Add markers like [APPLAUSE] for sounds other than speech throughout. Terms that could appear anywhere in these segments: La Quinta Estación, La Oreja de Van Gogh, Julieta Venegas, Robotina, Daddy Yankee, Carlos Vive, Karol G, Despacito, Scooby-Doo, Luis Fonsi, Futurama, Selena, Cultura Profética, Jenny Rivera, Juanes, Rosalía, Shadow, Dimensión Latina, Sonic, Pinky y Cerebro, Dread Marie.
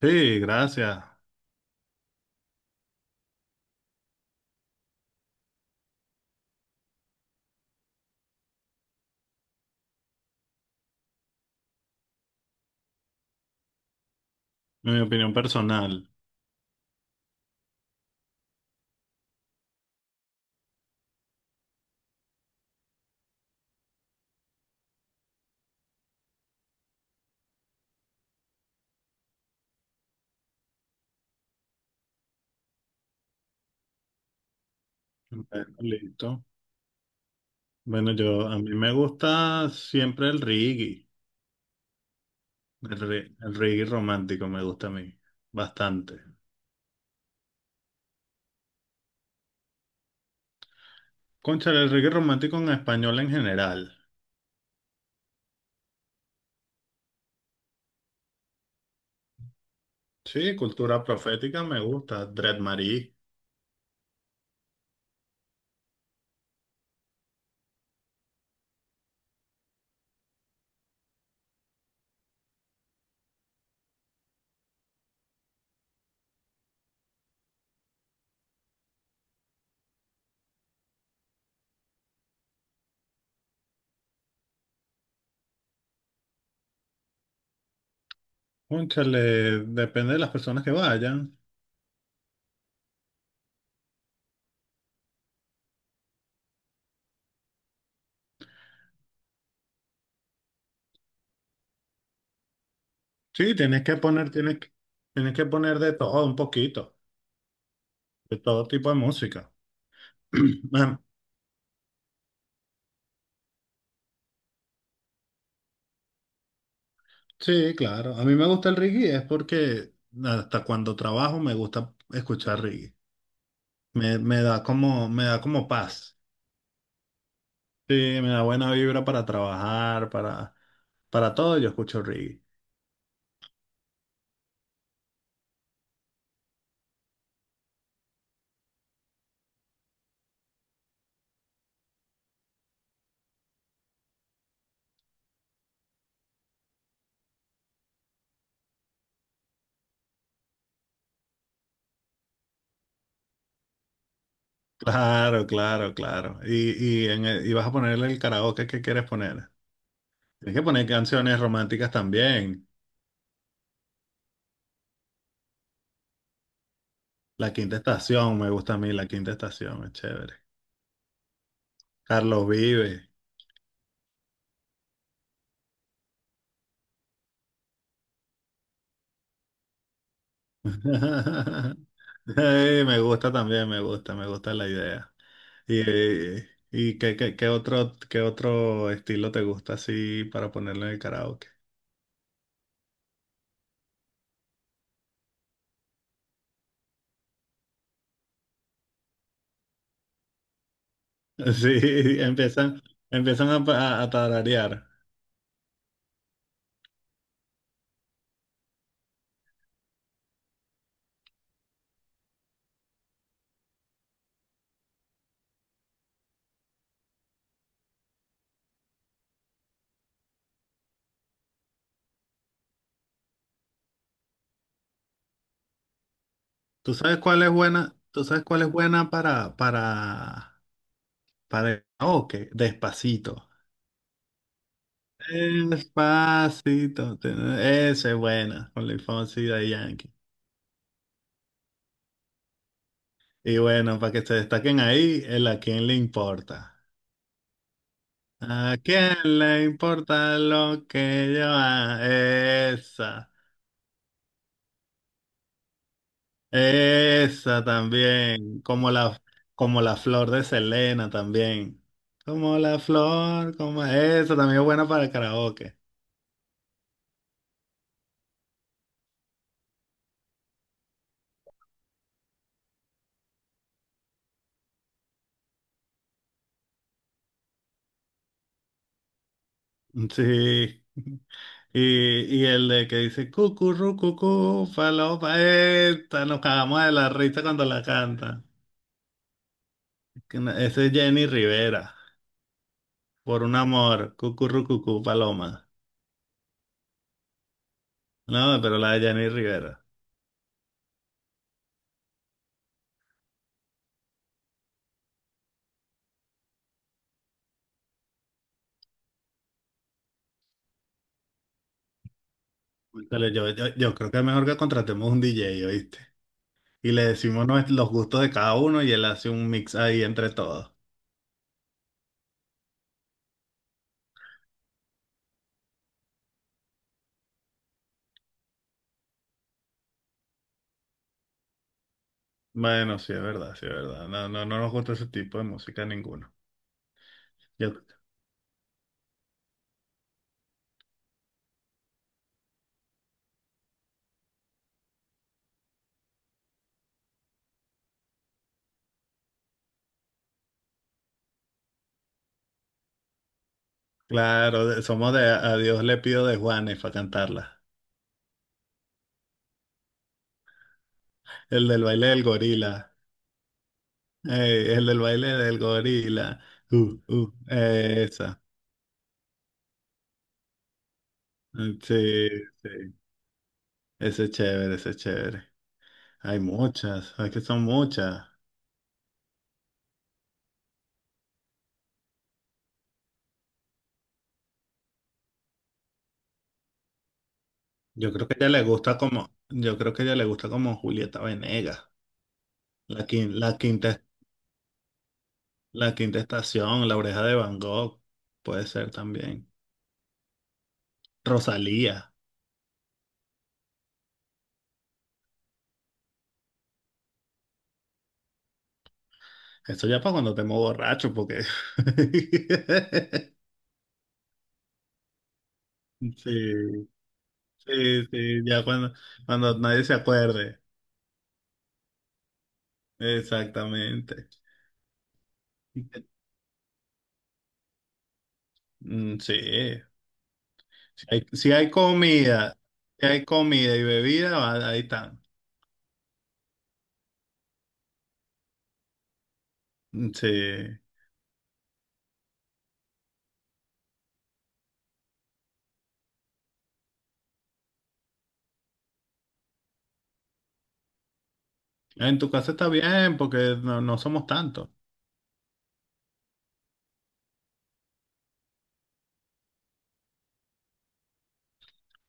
Sí, gracias. Mi opinión personal. Bueno, listo. Bueno, yo a mí me gusta siempre el reggae, el reggae romántico me gusta a mí bastante. Cónchale, el reggae romántico en español en general. Sí, cultura profética me gusta, Dread Marie. Cónchale, depende de las personas que vayan. Sí, tienes que poner de todo un poquito, de todo tipo de música. [CLEARS THROAT] A sí, claro. A mí me gusta el reggae, es porque hasta cuando trabajo me gusta escuchar reggae. Me da me da como paz. Sí, me da buena vibra para trabajar, para todo yo escucho reggae. Claro, claro, claro. Y vas a ponerle el karaoke que quieres poner. Tienes que poner canciones románticas también. La Quinta Estación, me gusta a mí La Quinta Estación, es chévere. Carlos Vive. [LAUGHS] Sí, me gusta también, me gusta la idea. ¿Y, qué otro estilo te gusta así para ponerlo en el karaoke? [LAUGHS] Sí, empiezan, a tararear. ¿Tú sabes cuál es buena? ¿Tú sabes cuál es buena para el karaoke? Despacito. Despacito. Esa es buena, con Luis Fonsi y Daddy Yankee. Y bueno, para que se destaquen ahí, el a quién le importa. ¿A quién le importa lo que yo haga? Esa. Esa también, como la flor de Selena también. Como la flor, como esa también es buena para el karaoke. Sí. Y el de que dice cucurru cucú, falopa, esta, nos cagamos de la risa cuando la canta. Que no- Ese es Jenny Rivera, por un amor, cucurru cucú, paloma. No, pero la de Jenny Rivera. Cónchale, yo creo que es mejor que contratemos un DJ, ¿oíste? Y le decimos los gustos de cada uno y él hace un mix ahí entre todos. Bueno, sí, es verdad, sí, es verdad. No, no nos gusta ese tipo de música ninguno. Yo- claro, somos de A Dios le pido de Juanes para cantarla. El del baile del gorila. Ey, el del baile del gorila. Esa. Mm, sí, sí. Ese es chévere, ese es chévere. Hay muchas, hay que son muchas. Yo creo que a ella le gusta como Julieta Venegas. La, quin- la quinta La Quinta Estación, La Oreja de Van Gogh, puede ser también. Rosalía. Eso ya para cuando te muevo borracho, porque... [LAUGHS] Sí, sí, sí, ya cuando, cuando nadie se acuerde. Exactamente. Mm, sí, si hay, si hay comida, si hay comida y bebida, ahí están. Mm, sí. En tu casa está bien, porque no, no somos tantos.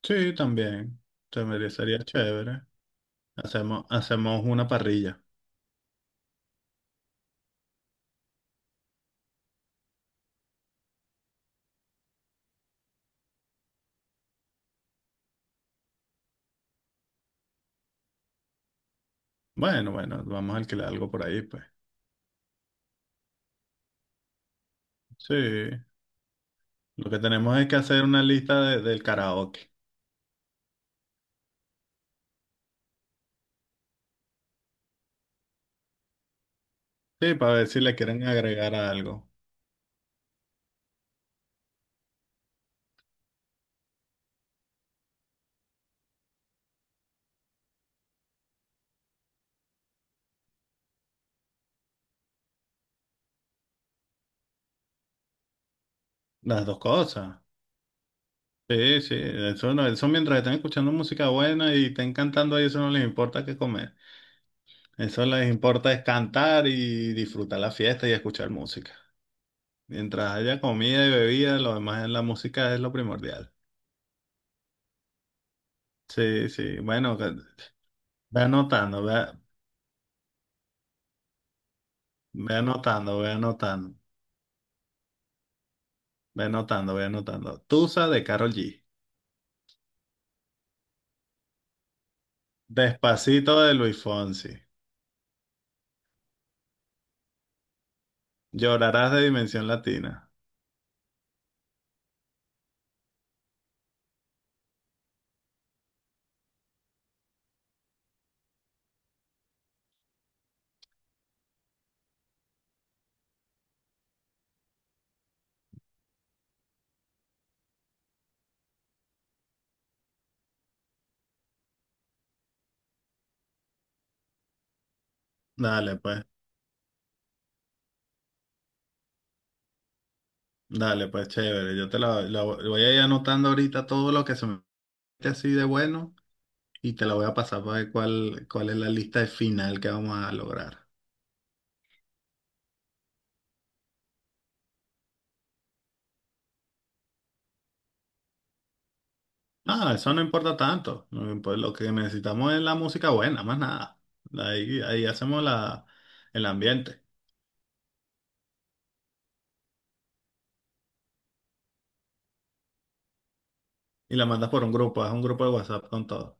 Sí, también. Se merecería chévere. Hacemos, hacemos una parrilla. Bueno, bueno, vamos a alquilar algo por ahí, pues. Sí, lo que tenemos es que hacer una lista del karaoke. Sí, para ver si le quieren agregar algo. Las dos cosas. Sí, sí, eso no, eso mientras están escuchando música buena y estén cantando ahí, eso no les importa qué comer. Eso les importa es cantar y disfrutar la fiesta y escuchar música. Mientras haya comida y bebida, lo demás es la música es lo primordial. Sí, sí, bueno, ve anotando, ve, ve anotando, ve anotando. Ve anotando, ve anotando. Tusa de Karol G. Despacito de Luis Fonsi. Llorarás de Dimensión Latina. Dale, pues. Dale, pues, chévere. Yo te la, la vo- voy a ir anotando ahorita todo lo que se me mete así de bueno y te la voy a pasar para ver cuál, cuál es la lista final que vamos a lograr. No, eso no importa tanto. No impo- Lo que necesitamos es la música buena, más nada. Ahí, ahí hacemos la, el ambiente. Y la mandas por un grupo, haz un grupo de WhatsApp con todo.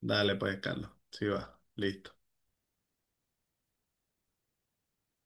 Dale, pues, Carlos. Sí va. Listo.